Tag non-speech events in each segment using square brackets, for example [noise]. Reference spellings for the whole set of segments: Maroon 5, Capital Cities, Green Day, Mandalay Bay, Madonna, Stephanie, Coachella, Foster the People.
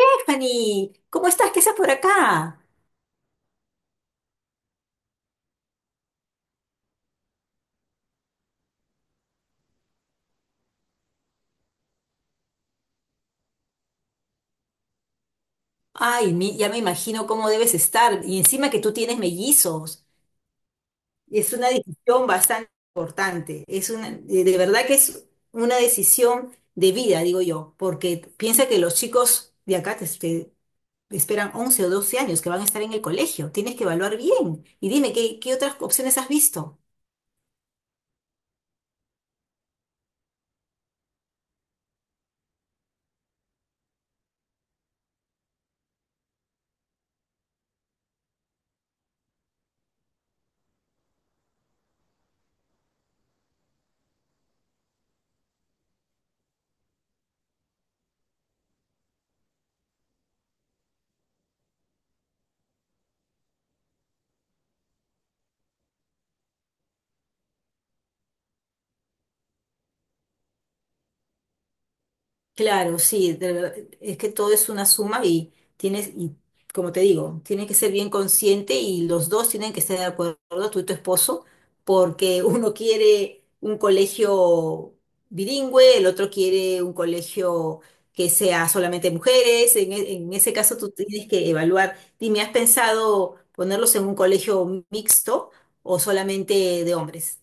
Stephanie, ¿cómo estás? ¿Qué haces por acá? Ay, ya me imagino cómo debes estar. Y encima que tú tienes mellizos. Es una decisión bastante importante. Es una, de verdad que es una decisión de vida, digo yo, porque piensa que los chicos de acá te esperan 11 o 12 años que van a estar en el colegio. Tienes que evaluar bien. Y dime, ¿qué otras opciones has visto? Claro, sí, de verdad, es que todo es una suma y tienes, y como te digo, tienes que ser bien consciente y los dos tienen que estar de acuerdo, tú y tu esposo, porque [laughs] uno quiere un colegio bilingüe, el otro quiere un colegio que sea solamente mujeres. En, en ese caso tú tienes que evaluar, dime, ¿has pensado ponerlos en un colegio mixto o solamente de hombres?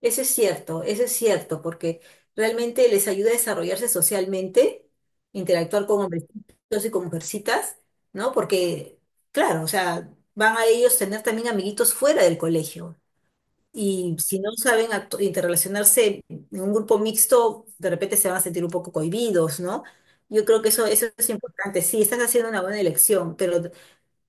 Eso es cierto, porque realmente les ayuda a desarrollarse socialmente, interactuar con hombrecitos y con mujercitas, ¿no? Porque, claro, o sea, van a ellos tener también amiguitos fuera del colegio. Y si no saben interrelacionarse en un grupo mixto, de repente se van a sentir un poco cohibidos, ¿no? Yo creo que eso es importante. Sí, estás haciendo una buena elección, pero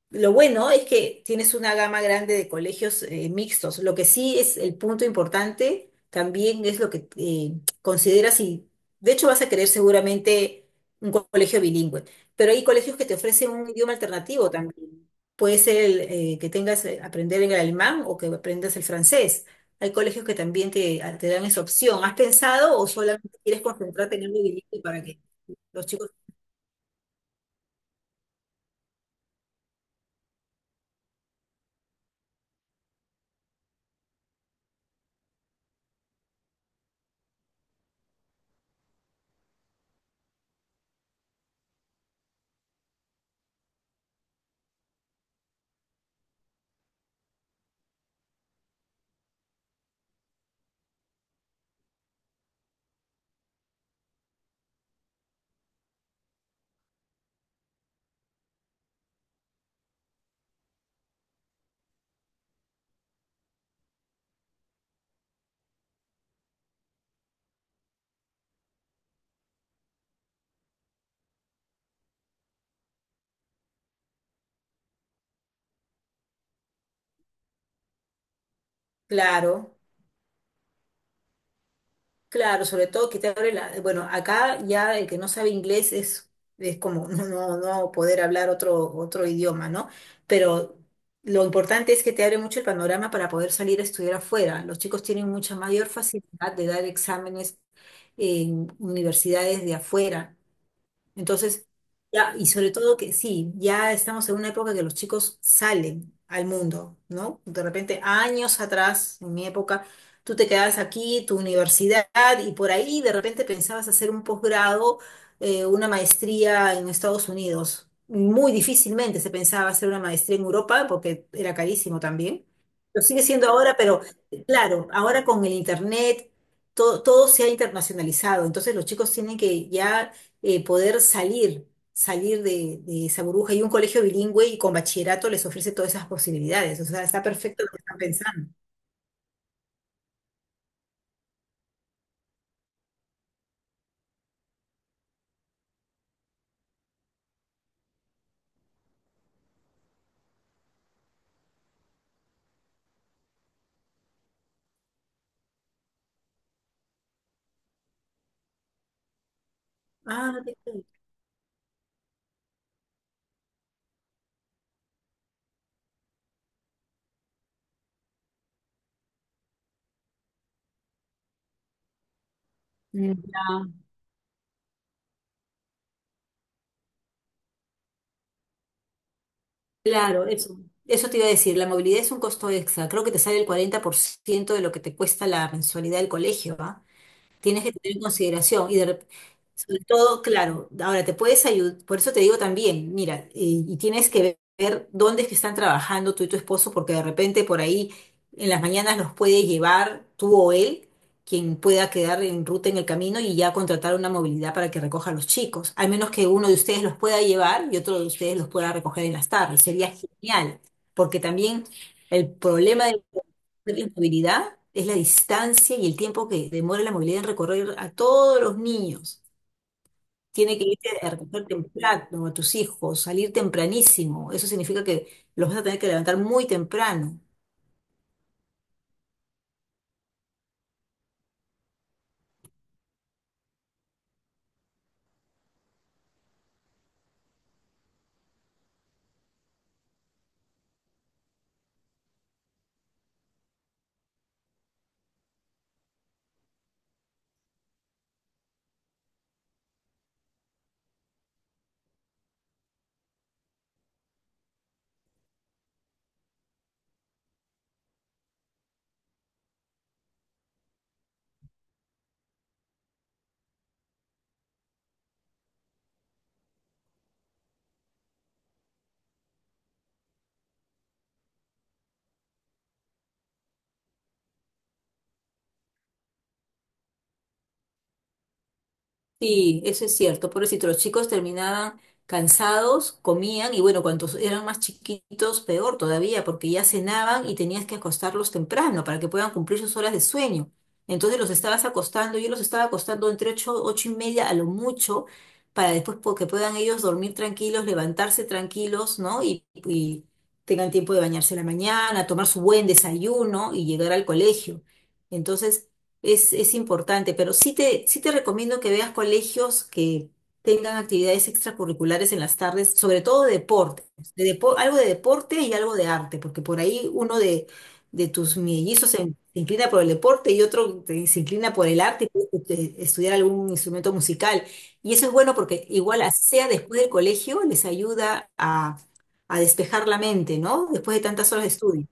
lo bueno es que tienes una gama grande de colegios mixtos. Lo que sí es el punto importante también es lo que consideras, y de hecho vas a querer seguramente un colegio bilingüe, pero hay colegios que te ofrecen un idioma alternativo también. Puede ser el, que tengas aprender el alemán o que aprendas el francés. Hay colegios que también te dan esa opción. ¿Has pensado o solamente quieres concentrarte en el bilingüe para que los chicos... Claro. Claro, sobre todo que te abre la... Bueno, acá ya el que no sabe inglés es como no, no, no poder hablar otro idioma, ¿no? Pero lo importante es que te abre mucho el panorama para poder salir a estudiar afuera. Los chicos tienen mucha mayor facilidad de dar exámenes en universidades de afuera. Entonces, ya, y sobre todo que sí, ya estamos en una época que los chicos salen al mundo, ¿no? De repente, años atrás, en mi época, tú te quedabas aquí, tu universidad, y por ahí de repente pensabas hacer un posgrado, una maestría en Estados Unidos. Muy difícilmente se pensaba hacer una maestría en Europa porque era carísimo también. Lo sigue siendo ahora, pero claro, ahora con el internet todo, todo se ha internacionalizado, entonces los chicos tienen que ya poder salir, salir de esa burbuja. Y un colegio bilingüe y con bachillerato les ofrece todas esas posibilidades. O sea, está perfecto lo que están pensando. Ah, no te creo. Mm, ya. Claro, eso. Eso te iba a decir, la movilidad es un costo extra. Creo que te sale el 40% de lo que te cuesta la mensualidad del colegio. Tienes que tener en consideración, sobre todo, claro, ahora te puedes ayudar, por eso te digo también, mira, y tienes que ver dónde es que están trabajando tú y tu esposo, porque de repente por ahí en las mañanas los puede llevar tú o él, quien pueda quedar en ruta en el camino y ya contratar una movilidad para que recoja a los chicos, al menos que uno de ustedes los pueda llevar y otro de ustedes los pueda recoger en las tardes, sería genial, porque también el problema de la movilidad es la distancia y el tiempo que demora la movilidad en recorrer a todos los niños. Tiene que irte a recoger temprano a tus hijos, salir tempranísimo. Eso significa que los vas a tener que levantar muy temprano. Sí, eso es cierto. Pobrecito, los chicos terminaban cansados, comían y bueno, cuantos eran más chiquitos, peor todavía, porque ya cenaban y tenías que acostarlos temprano para que puedan cumplir sus horas de sueño. Entonces los estabas acostando, yo los estaba acostando entre 8, 8:30 a lo mucho, para después que puedan ellos dormir tranquilos, levantarse tranquilos, ¿no? Y tengan tiempo de bañarse en la mañana, tomar su buen desayuno y llegar al colegio. Entonces es importante, pero sí te recomiendo que veas colegios que tengan actividades extracurriculares en las tardes, sobre todo deporte, algo de deporte y algo de arte, porque por ahí uno de tus mellizos se inclina por el deporte y otro se inclina por el arte y puede estudiar algún instrumento musical. Y eso es bueno porque igual así sea después del colegio les ayuda a despejar la mente, ¿no? Después de tantas horas de estudio.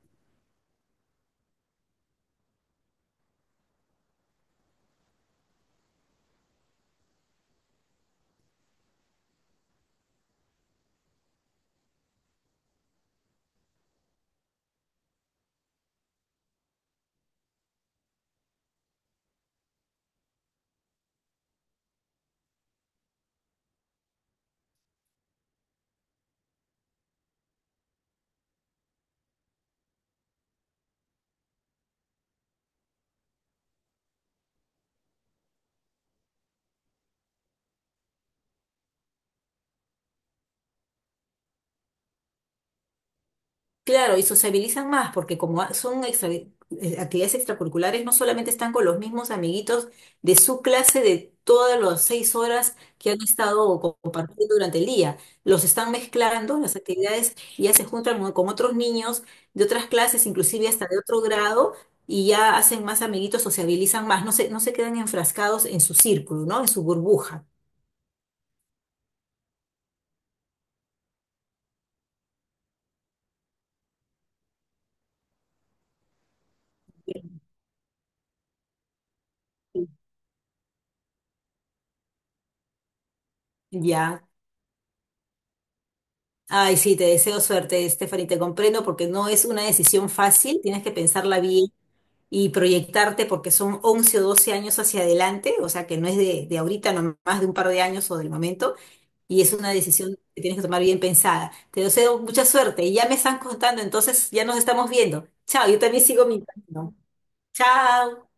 Claro, y sociabilizan más, porque como son actividades extracurriculares, no solamente están con los mismos amiguitos de su clase de todas las 6 horas que han estado compartiendo durante el día, los están mezclando las actividades y ya se juntan con otros niños de otras clases, inclusive hasta de otro grado, y ya hacen más amiguitos, sociabilizan más, no se, no se quedan enfrascados en su círculo, ¿no? En su burbuja. Ya. Ay, sí, te deseo suerte, Stephanie, te comprendo porque no es una decisión fácil, tienes que pensarla bien y proyectarte porque son 11 o 12 años hacia adelante, o sea que no es de ahorita, no más de un par de años o del momento, y es una decisión que tienes que tomar bien pensada. Te deseo mucha suerte y ya me están contando, entonces ya nos estamos viendo. Chao, yo también sigo mi camino. Chao.